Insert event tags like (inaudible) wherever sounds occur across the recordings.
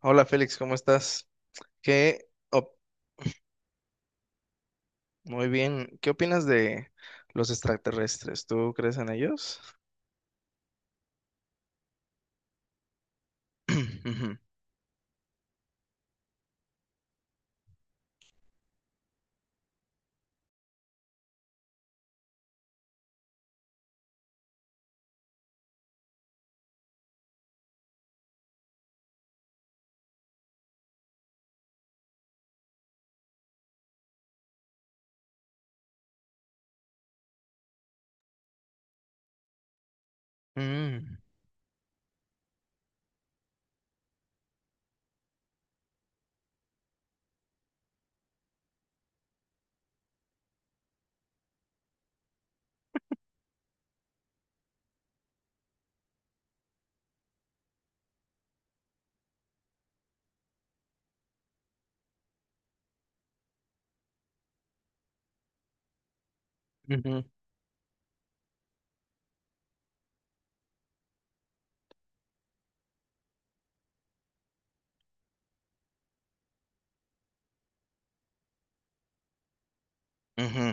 Hola Félix, ¿cómo estás? ¿Qué op- muy bien. ¿Qué opinas de los extraterrestres? ¿Tú crees en ellos? (clears throat) Ujú, mm, ujú, ujú,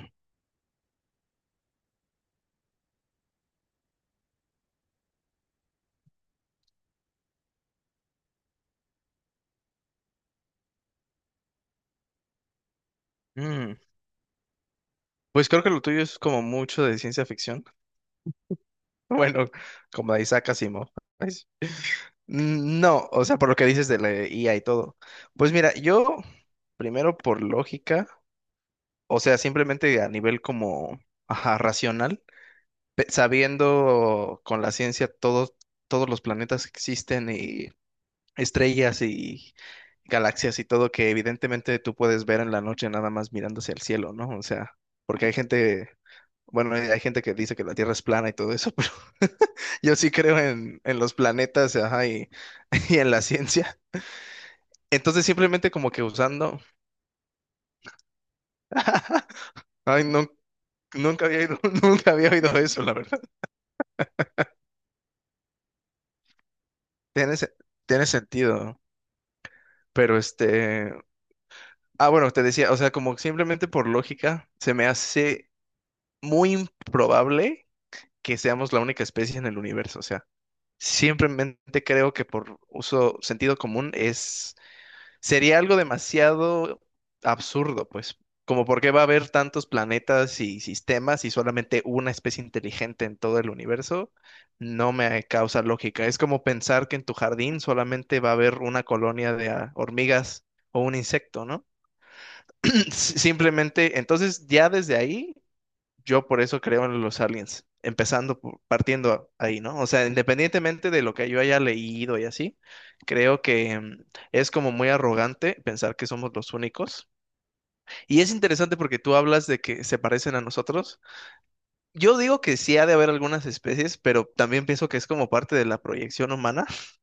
mm. Pues creo que lo tuyo es como mucho de ciencia ficción. (laughs) Bueno, como de Isaac Asimov, ¿sabes? Mm, no, o sea, por lo que dices de la IA y todo. Pues mira, yo primero por lógica, o sea, simplemente a nivel como, ajá, racional. Sabiendo con la ciencia todos los planetas que existen y estrellas y galaxias y todo que evidentemente tú puedes ver en la noche nada más mirando hacia el cielo, ¿no? O sea, porque hay gente, bueno, hay gente que dice que la Tierra es plana y todo eso, pero (laughs) yo sí creo en los planetas, ajá, y, (laughs) y en la ciencia. Entonces simplemente como que usando. (laughs) Ay, no, nunca había oído, (laughs) nunca había oído eso, la verdad. Tiene, se- tiene sentido, pero este. Ah, bueno, te decía, o sea, como simplemente por lógica, se me hace muy improbable que seamos la única especie en el universo. O sea, simplemente creo que por uso sentido común sería algo demasiado absurdo, pues. Como por qué va a haber tantos planetas y sistemas y solamente una especie inteligente en todo el universo, no me causa lógica. Es como pensar que en tu jardín solamente va a haber una colonia de hormigas o un insecto, ¿no? (clears throat) Simplemente, entonces ya desde ahí, yo por eso creo en los aliens, empezando, partiendo ahí, ¿no? O sea, independientemente de lo que yo haya leído y así, creo que es como muy arrogante pensar que somos los únicos. Y es interesante porque tú hablas de que se parecen a nosotros. Yo digo que sí ha de haber algunas especies, pero también pienso que es como parte de la proyección humana. (laughs)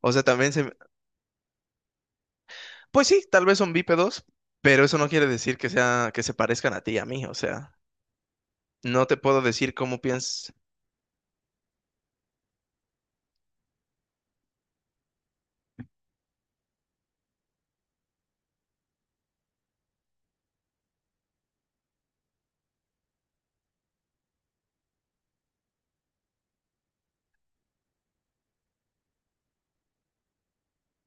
O sea, también se. Pues sí, tal vez son bípedos, pero eso no quiere decir que sea, que se parezcan a ti y a mí, o sea. No te puedo decir cómo piensas.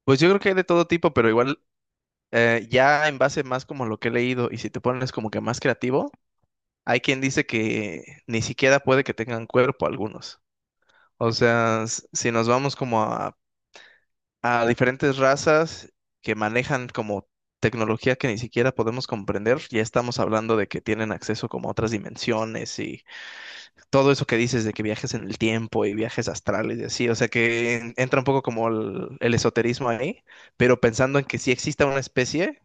Pues yo creo que hay de todo tipo, pero igual ya en base más como lo que he leído y si te pones como que más creativo, hay quien dice que ni siquiera puede que tengan cuerpo algunos. O sea, si nos vamos como a, diferentes razas que manejan como tecnología que ni siquiera podemos comprender, ya estamos hablando de que tienen acceso como a otras dimensiones y todo eso que dices de que viajes en el tiempo y viajes astrales y así, o sea que entra un poco como el esoterismo ahí, pero pensando en que si exista una especie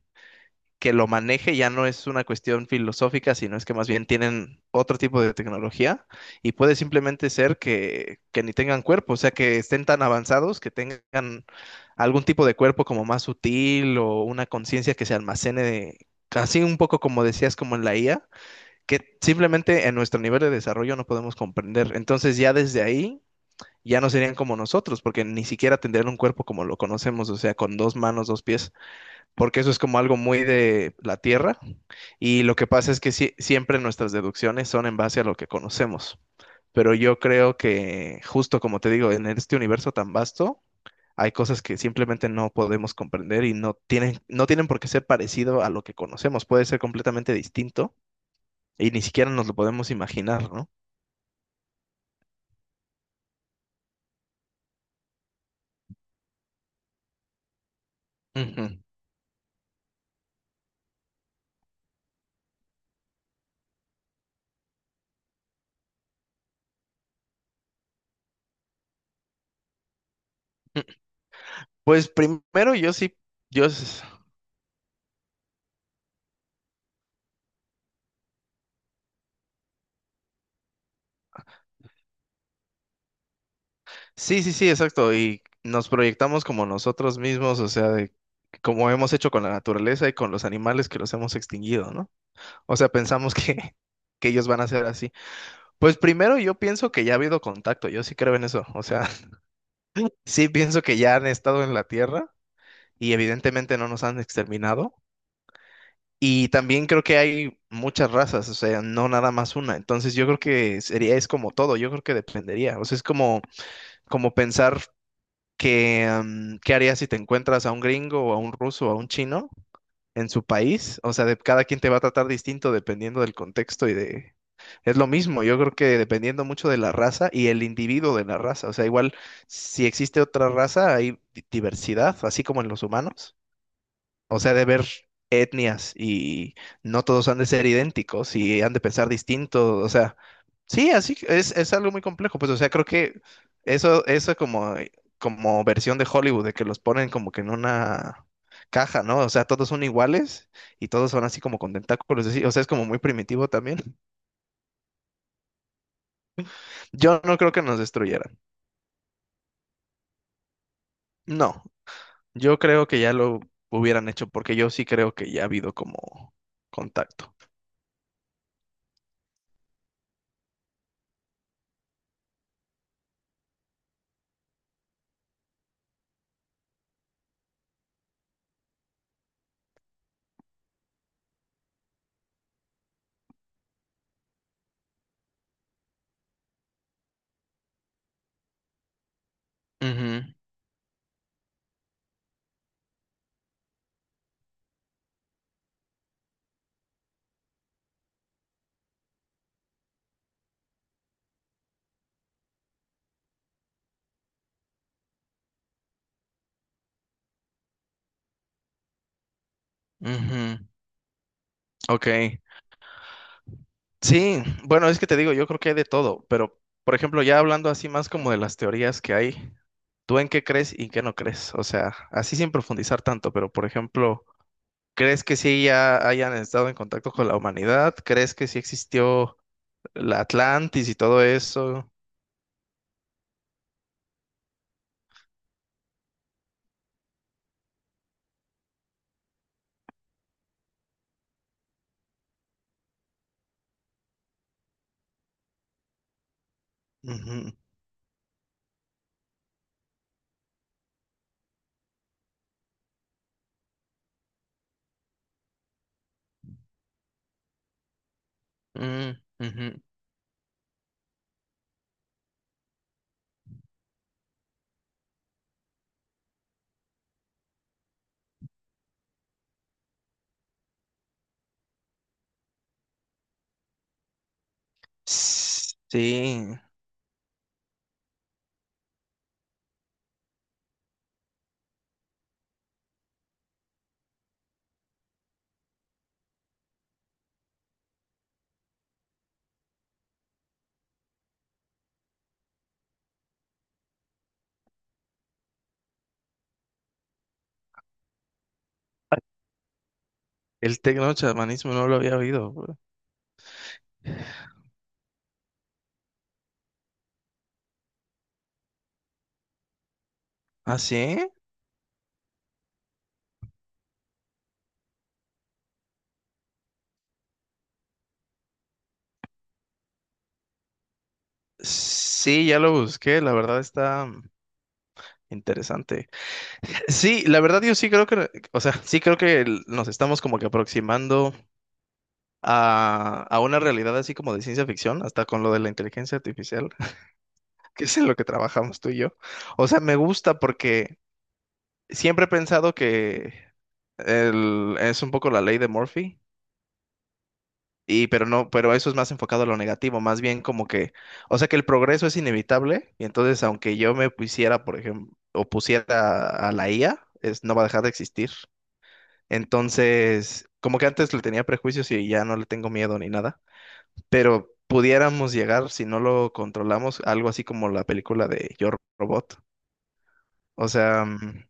que lo maneje, ya no es una cuestión filosófica, sino es que más bien tienen otro tipo de tecnología y puede simplemente ser que ni tengan cuerpo, o sea que estén tan avanzados que tengan algún tipo de cuerpo como más sutil o una conciencia que se almacene, casi un poco como decías, como en la IA que simplemente en nuestro nivel de desarrollo no podemos comprender. Entonces ya desde ahí ya no serían como nosotros, porque ni siquiera tendrían un cuerpo como lo conocemos, o sea, con dos manos, dos pies, porque eso es como algo muy de la Tierra. Y lo que pasa es que siempre nuestras deducciones son en base a lo que conocemos. Pero yo creo que justo como te digo, en este universo tan vasto, hay cosas que simplemente no podemos comprender y no tienen por qué ser parecido a lo que conocemos, puede ser completamente distinto y ni siquiera nos lo podemos imaginar, ¿no? Ujú. Pues primero yo sí, yo s- sí, sí, sí, exacto. Y nos proyectamos como nosotros mismos, o sea, de como hemos hecho con la naturaleza y con los animales que los hemos extinguido, ¿no? O sea, pensamos (laughs) que ellos van a ser así. Pues primero yo pienso que ya ha habido contacto, yo sí creo en eso. O sea, (laughs) sí pienso que ya han estado en la Tierra y evidentemente no nos han exterminado. Y también creo que hay muchas razas, o sea, no nada más una. Entonces yo creo que sería, es como todo, yo creo que dependería. O sea, es como pensar qué harías si te encuentras a un gringo o a un ruso o a un chino en su país. O sea, cada quien te va a tratar distinto dependiendo del contexto y de. Es lo mismo, yo creo que dependiendo mucho de la raza y el individuo de la raza. O sea, igual si existe otra raza hay diversidad, así como en los humanos. O sea, de ver etnias y no todos han de ser idénticos y han de pensar distinto. O sea, sí, así que es algo muy complejo. Pues, o sea, creo que eso como versión de Hollywood, de que los ponen como que en una caja, ¿no? O sea, todos son iguales y todos son así como con tentáculos. Así, o sea, es como muy primitivo también. (laughs) Yo no creo que nos destruyeran. No. Yo creo que ya lo hubieran hecho porque yo sí creo que ya ha habido como contacto. Ujú, ujú, Ok. Sí, bueno, es que te digo, yo creo que hay de todo, pero por ejemplo, ya hablando así más como de las teorías que hay, ¿tú en qué crees y en qué no crees? O sea, así sin profundizar tanto, pero por ejemplo, ¿crees que sí ya hayan estado en contacto con la humanidad? ¿Crees que sí existió la Atlantis y todo eso? Ujú, mm, ujú. Sí, el tecnochamanismo no lo había oído, güey. ¿Ah, sí? Sí, ya lo busqué, la verdad está interesante. Sí, la verdad yo sí creo que, o sea, sí creo que nos estamos como que aproximando a una realidad así como de ciencia ficción, hasta con lo de la inteligencia artificial. Que es en lo que trabajamos tú y yo. O sea, me gusta porque siempre he pensado que es un poco la ley de Murphy, y pero no, pero eso es más enfocado a lo negativo, más bien como que, o sea, que el progreso es inevitable, y entonces aunque yo me pusiera, por ejemplo, o pusiera a la IA, es, no va a dejar de existir. Entonces, como que antes le tenía prejuicios y ya no le tengo miedo ni nada, pero pudiéramos llegar, si no lo controlamos, a algo así como la película de Yo Robot. O sea,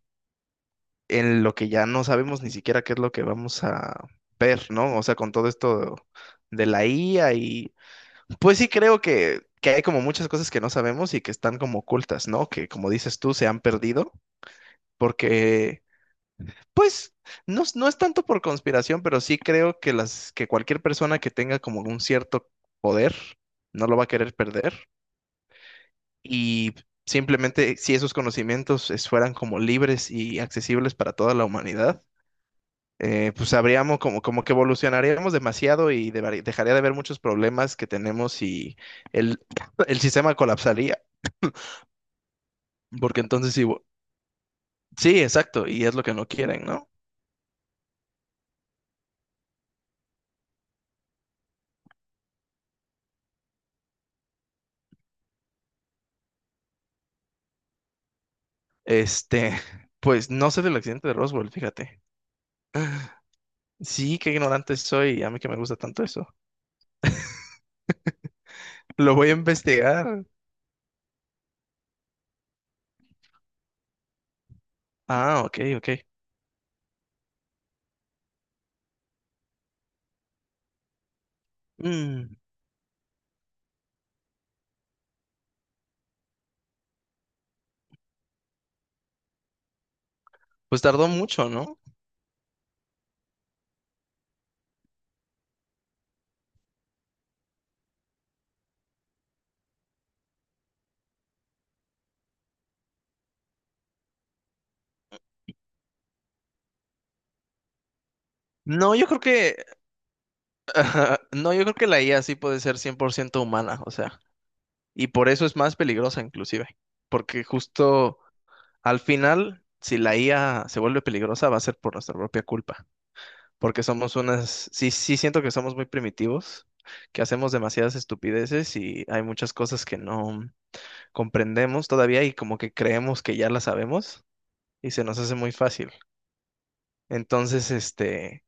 en lo que ya no sabemos ni siquiera qué es lo que vamos a ver, ¿no? O sea, con todo esto de la IA y pues sí creo que, hay como muchas cosas que no sabemos y que están como ocultas, ¿no? Que como dices tú, se han perdido porque, pues, no, no es tanto por conspiración, pero sí creo que que cualquier persona que tenga como un cierto poder no lo va a querer perder y simplemente si esos conocimientos fueran como libres y accesibles para toda la humanidad pues habríamos como, que evolucionaríamos demasiado y dejaría de haber muchos problemas que tenemos y el, (clears throat) el sistema colapsaría, porque entonces sí, sí, exacto, y es lo que no quieren, ¿no? Este, (laughs) pues no sé del accidente de Roswell, fíjate. Sí, qué ignorante soy, a mí que me gusta tanto eso. Lo voy a investigar. Ah, ok, ok. Mm, pues tardó mucho, ¿no? No, yo creo que, (laughs) no, yo creo que la IA sí puede ser 100% humana, o sea. Y por eso es más peligrosa inclusive, porque justo al final, si la IA se vuelve peligrosa, va a ser por nuestra propia culpa, porque somos sí, sí siento que somos muy primitivos, que hacemos demasiadas estupideces y hay muchas cosas que no comprendemos todavía y como que creemos que ya las sabemos y se nos hace muy fácil. Entonces, este,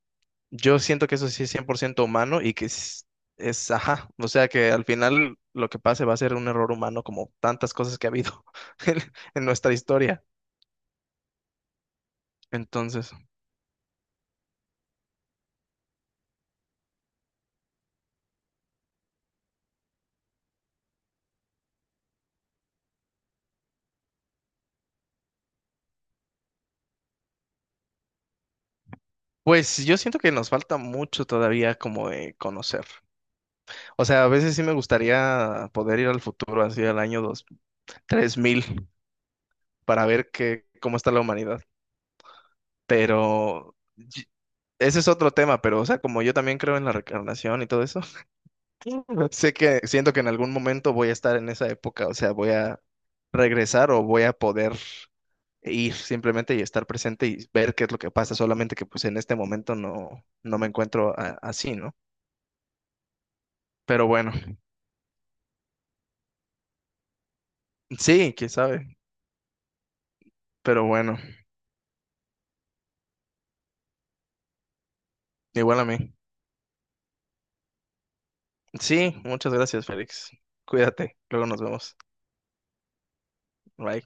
yo siento que eso sí es 100% humano y que es, ajá, o sea que al final lo que pase va a ser un error humano como tantas cosas que ha habido (laughs) en, en nuestra historia. Entonces, pues yo siento que nos falta mucho todavía como de conocer. O sea, a veces sí me gustaría poder ir al futuro, así al año dos 3000 para ver cómo está la humanidad. Pero ese es otro tema, pero o sea, como yo también creo en la reencarnación y todo eso. (laughs) Sé que siento que en algún momento voy a estar en esa época, o sea, voy a regresar o voy a poder ir simplemente y estar presente y ver qué es lo que pasa, solamente que pues en este momento no me encuentro así, ¿no? Pero bueno, sí, quién sabe, pero bueno, igual a mí. Sí, muchas gracias, Félix. Cuídate, luego nos vemos. Bye.